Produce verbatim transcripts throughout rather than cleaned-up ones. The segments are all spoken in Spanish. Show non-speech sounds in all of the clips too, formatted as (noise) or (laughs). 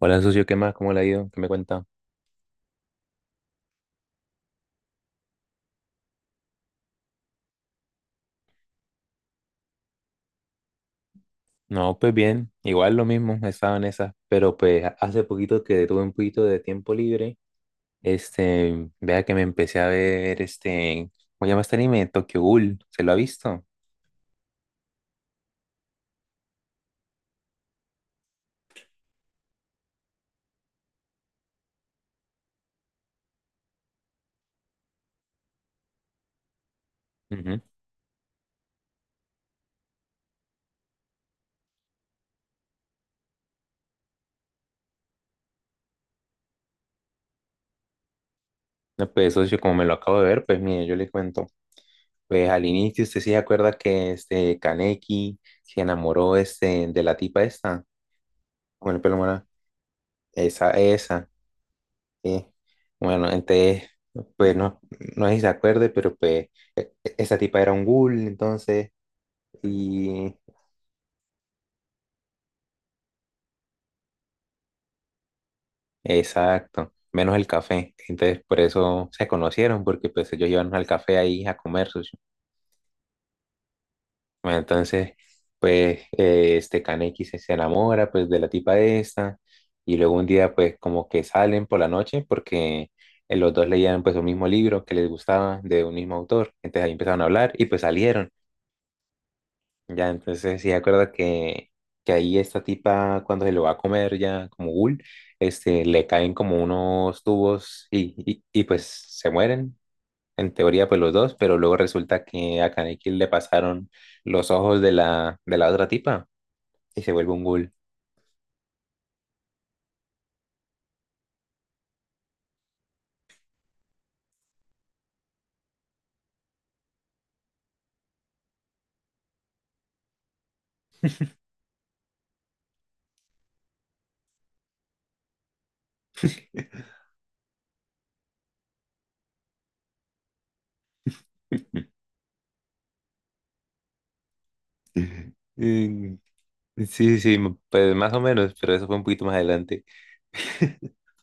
Hola, socio, ¿qué más? ¿Cómo le ha ido? ¿Qué me cuenta? No, pues bien, igual lo mismo, estaba en esas, pero pues hace poquito que tuve un poquito de tiempo libre, este, vea que me empecé a ver este, ¿cómo se llama este anime? Tokyo Ghoul, ¿se lo ha visto? Ujú. No, pues socio, como me lo acabo de ver, pues mire, yo le cuento, pues al inicio usted sí se acuerda que este Kaneki se enamoró este de la tipa esta, con el pelo morado, esa, esa. Sí. Bueno, entonces, pues no, no sé si se acuerde, pero pues e- e- esa tipa era un ghoul, entonces, y exacto, menos el café. Entonces, por eso se conocieron, porque pues ellos iban al café ahí a comer socio. Bueno, entonces, pues eh, este Kaneki se, se enamora pues de la tipa esta, y luego un día pues como que salen por la noche, porque eh, los dos leían pues un mismo libro que les gustaba de un mismo autor. Entonces ahí empezaron a hablar y pues salieron. Ya, entonces sí, de acuerdo que, que ahí esta tipa, cuando se lo va a comer ya como ghoul, este, le caen como unos tubos y, y, y, pues se mueren, en teoría pues los dos, pero luego resulta que a Kaneki le pasaron los ojos de la, de la otra tipa y se vuelve un ghoul. (laughs) Mm. Sí, sí, pues más o menos, pero eso fue un poquito más adelante.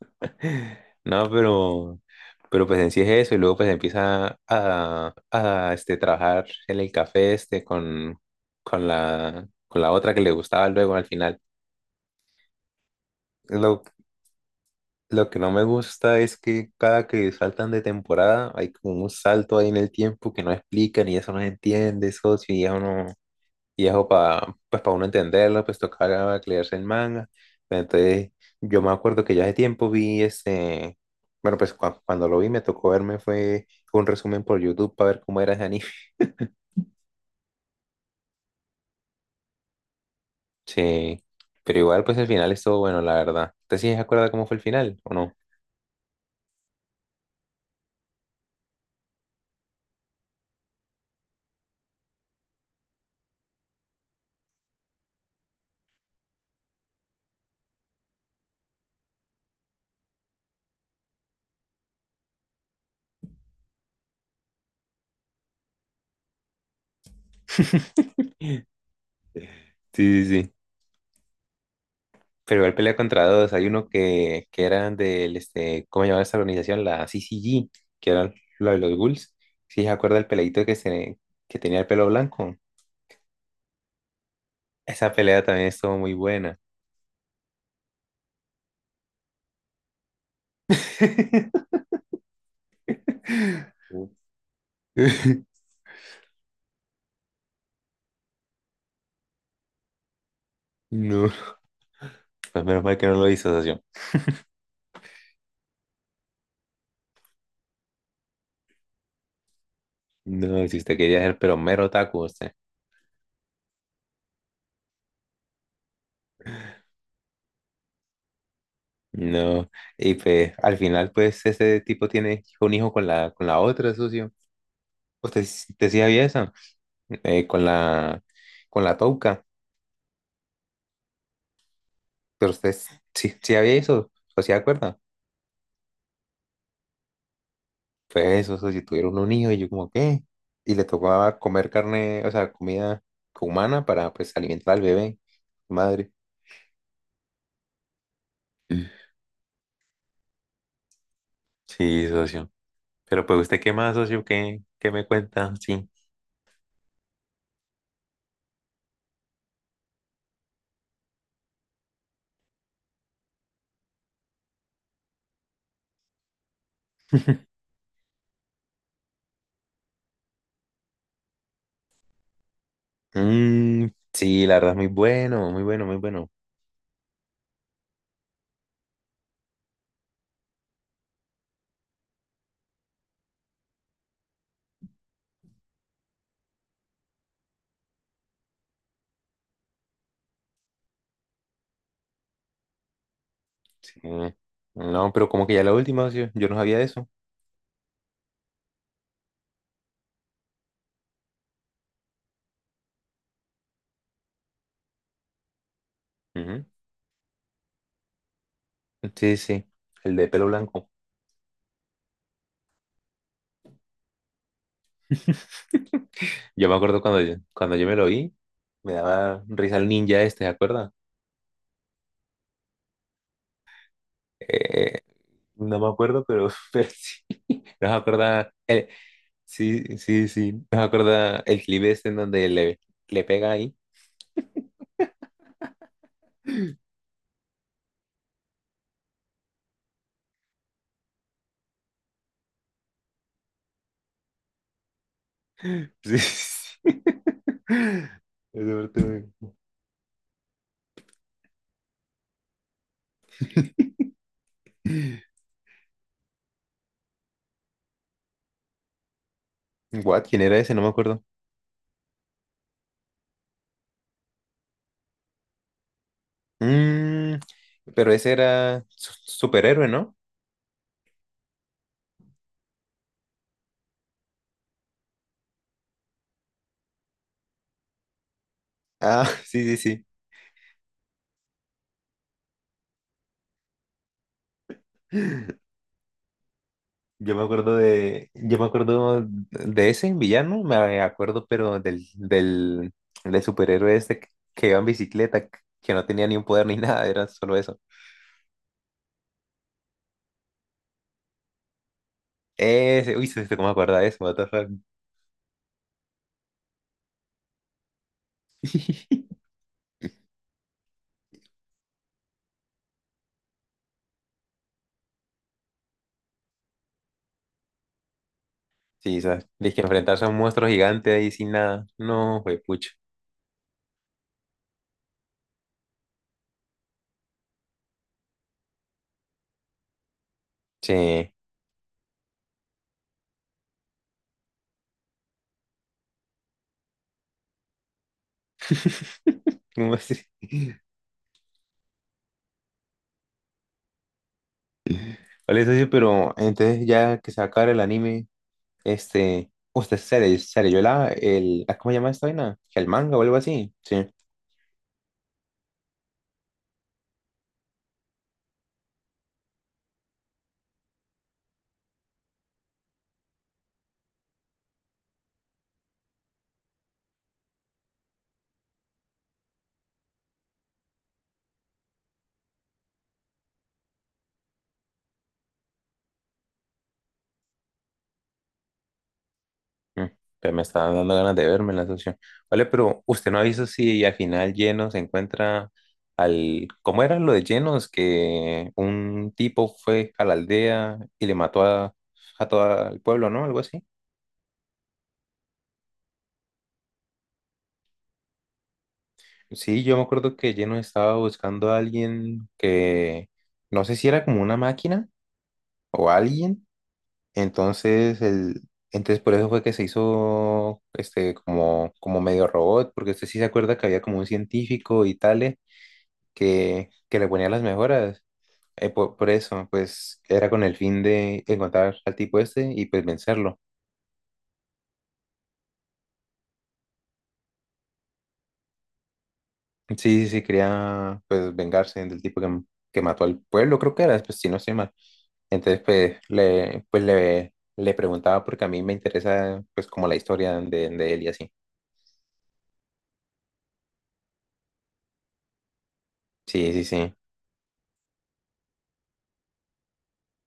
(laughs) No, pero, pero pues en sí es eso, y luego pues empieza a, a este, trabajar en el café este con, con la, con la otra que le gustaba luego al final. Lo, lo que no me gusta es que cada que saltan de temporada hay como un salto ahí en el tiempo que no explican y eso no se entiende, socio, y eso no, y eso para pues para uno entenderlo, pues tocaba leerse el manga. Pero entonces yo me acuerdo que ya hace tiempo vi ese, bueno, pues cua- cuando lo vi me tocó verme fue un resumen por YouTube para ver cómo era ese anime. (laughs) Sí, pero igual pues el final estuvo bueno, la verdad. ¿Usted sí se acuerda cómo fue el final o no? Sí, sí, sí. Pero igual pelea contra dos. Hay uno que, que eran del, este, ¿cómo llamaba esta organización? La C C G, que eran la de los ghouls. Sí, se acuerda el peleito que, se, que tenía el pelo blanco. Esa pelea también estuvo muy buena. (laughs) Uh, (laughs) no, pues menos mal que no lo hizo, socio. No, si usted quería ser, pero mero otaku, usted. No, y pues al final, pues ese tipo tiene un hijo con la, con la otra, socio. Usted s- usted sí había eso, eh, con la, con la touca, pero usted s- sí, sí había eso, o sea, ¿acuerda? Pues eso, socio, tuvieron un hijo y yo como, ¿qué? Y le tocaba comer carne, o sea, comida humana para, pues, alimentar al bebé. Madre. Mm. Sí, socio. Pero pues usted qué más, socio, qué, qué me cuenta, sí. (laughs) Mm, sí, la verdad es muy bueno, muy bueno, muy bueno. Sí. No, pero como que ya la última, socio, yo no sabía eso. Ujú. Sí, sí, el de pelo blanco. (laughs) Yo me acuerdo cuando yo, cuando yo me lo vi, me daba risa el ninja este, ¿se acuerda? Eh, no me acuerdo, pero, (laughs) pero sí. Nos acuerda, el- sí, sí, sí, nos acuerda el clip este en donde le, le pega ahí. (laughs) Sí, sí. Esa parte me- (clears throat) What? ¿Quién era ese? No me acuerdo. Mm, pero ese era su- superhéroe, ¿no? Ah, (laughs) sí, sí, sí. Yo me acuerdo de, yo me acuerdo de ese villano, me acuerdo, pero del, del, del superhéroe este que que iba en bicicleta, que no tenía ni un poder ni nada, era solo eso. Ese, uy, se- se- ¿cómo me acuerda de eso? What the fuck? (laughs) Sí, o sea, de que enfrentarse a un monstruo gigante ahí sin nada. No, fue pucho. Sí. (laughs) Vale, socio, pero entonces ya que se acaba el anime, este, usted se le, se leyó la, el, ah, ¿cómo se llama esta vaina? El manga o algo así. Sí. Mm, pero me está dando ganas de verme la socio. Vale, pero usted no avisó si al final Lleno se encuentra al, ¿cómo era lo de Llenos? Que un tipo fue a la aldea y le mató a, a todo el pueblo, ¿no? Algo así. Sí, yo me acuerdo que Llenos estaba buscando a alguien que, no sé si era como una máquina o alguien. Entonces, el, entonces por eso fue que se hizo este como, como medio robot, porque usted sí se acuerda que había como un científico y tales que, que le ponía las mejoras. Eh, por por, eso, pues era con el fin de encontrar al tipo este y pues vencerlo. Sí, sí, sí, quería pues vengarse del tipo que, que mató al pueblo, creo que era, pues si no estoy mal. Entonces, pues le, pues, le, le preguntaba porque a mí me interesa pues como la historia de, de él y así. Sí, sí,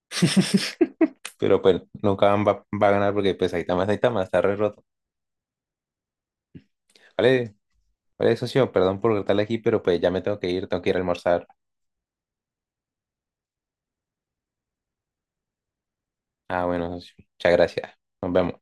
sí. (laughs) Pero bueno, nunca van- va, va a ganar porque pues Saitama es Saitama, está re roto. Vale, vale, socio, perdón por cortarle aquí, pero pues ya me tengo que ir, tengo que ir a almorzar. Ah, bueno, socio, muchas gracias. Nos vemos.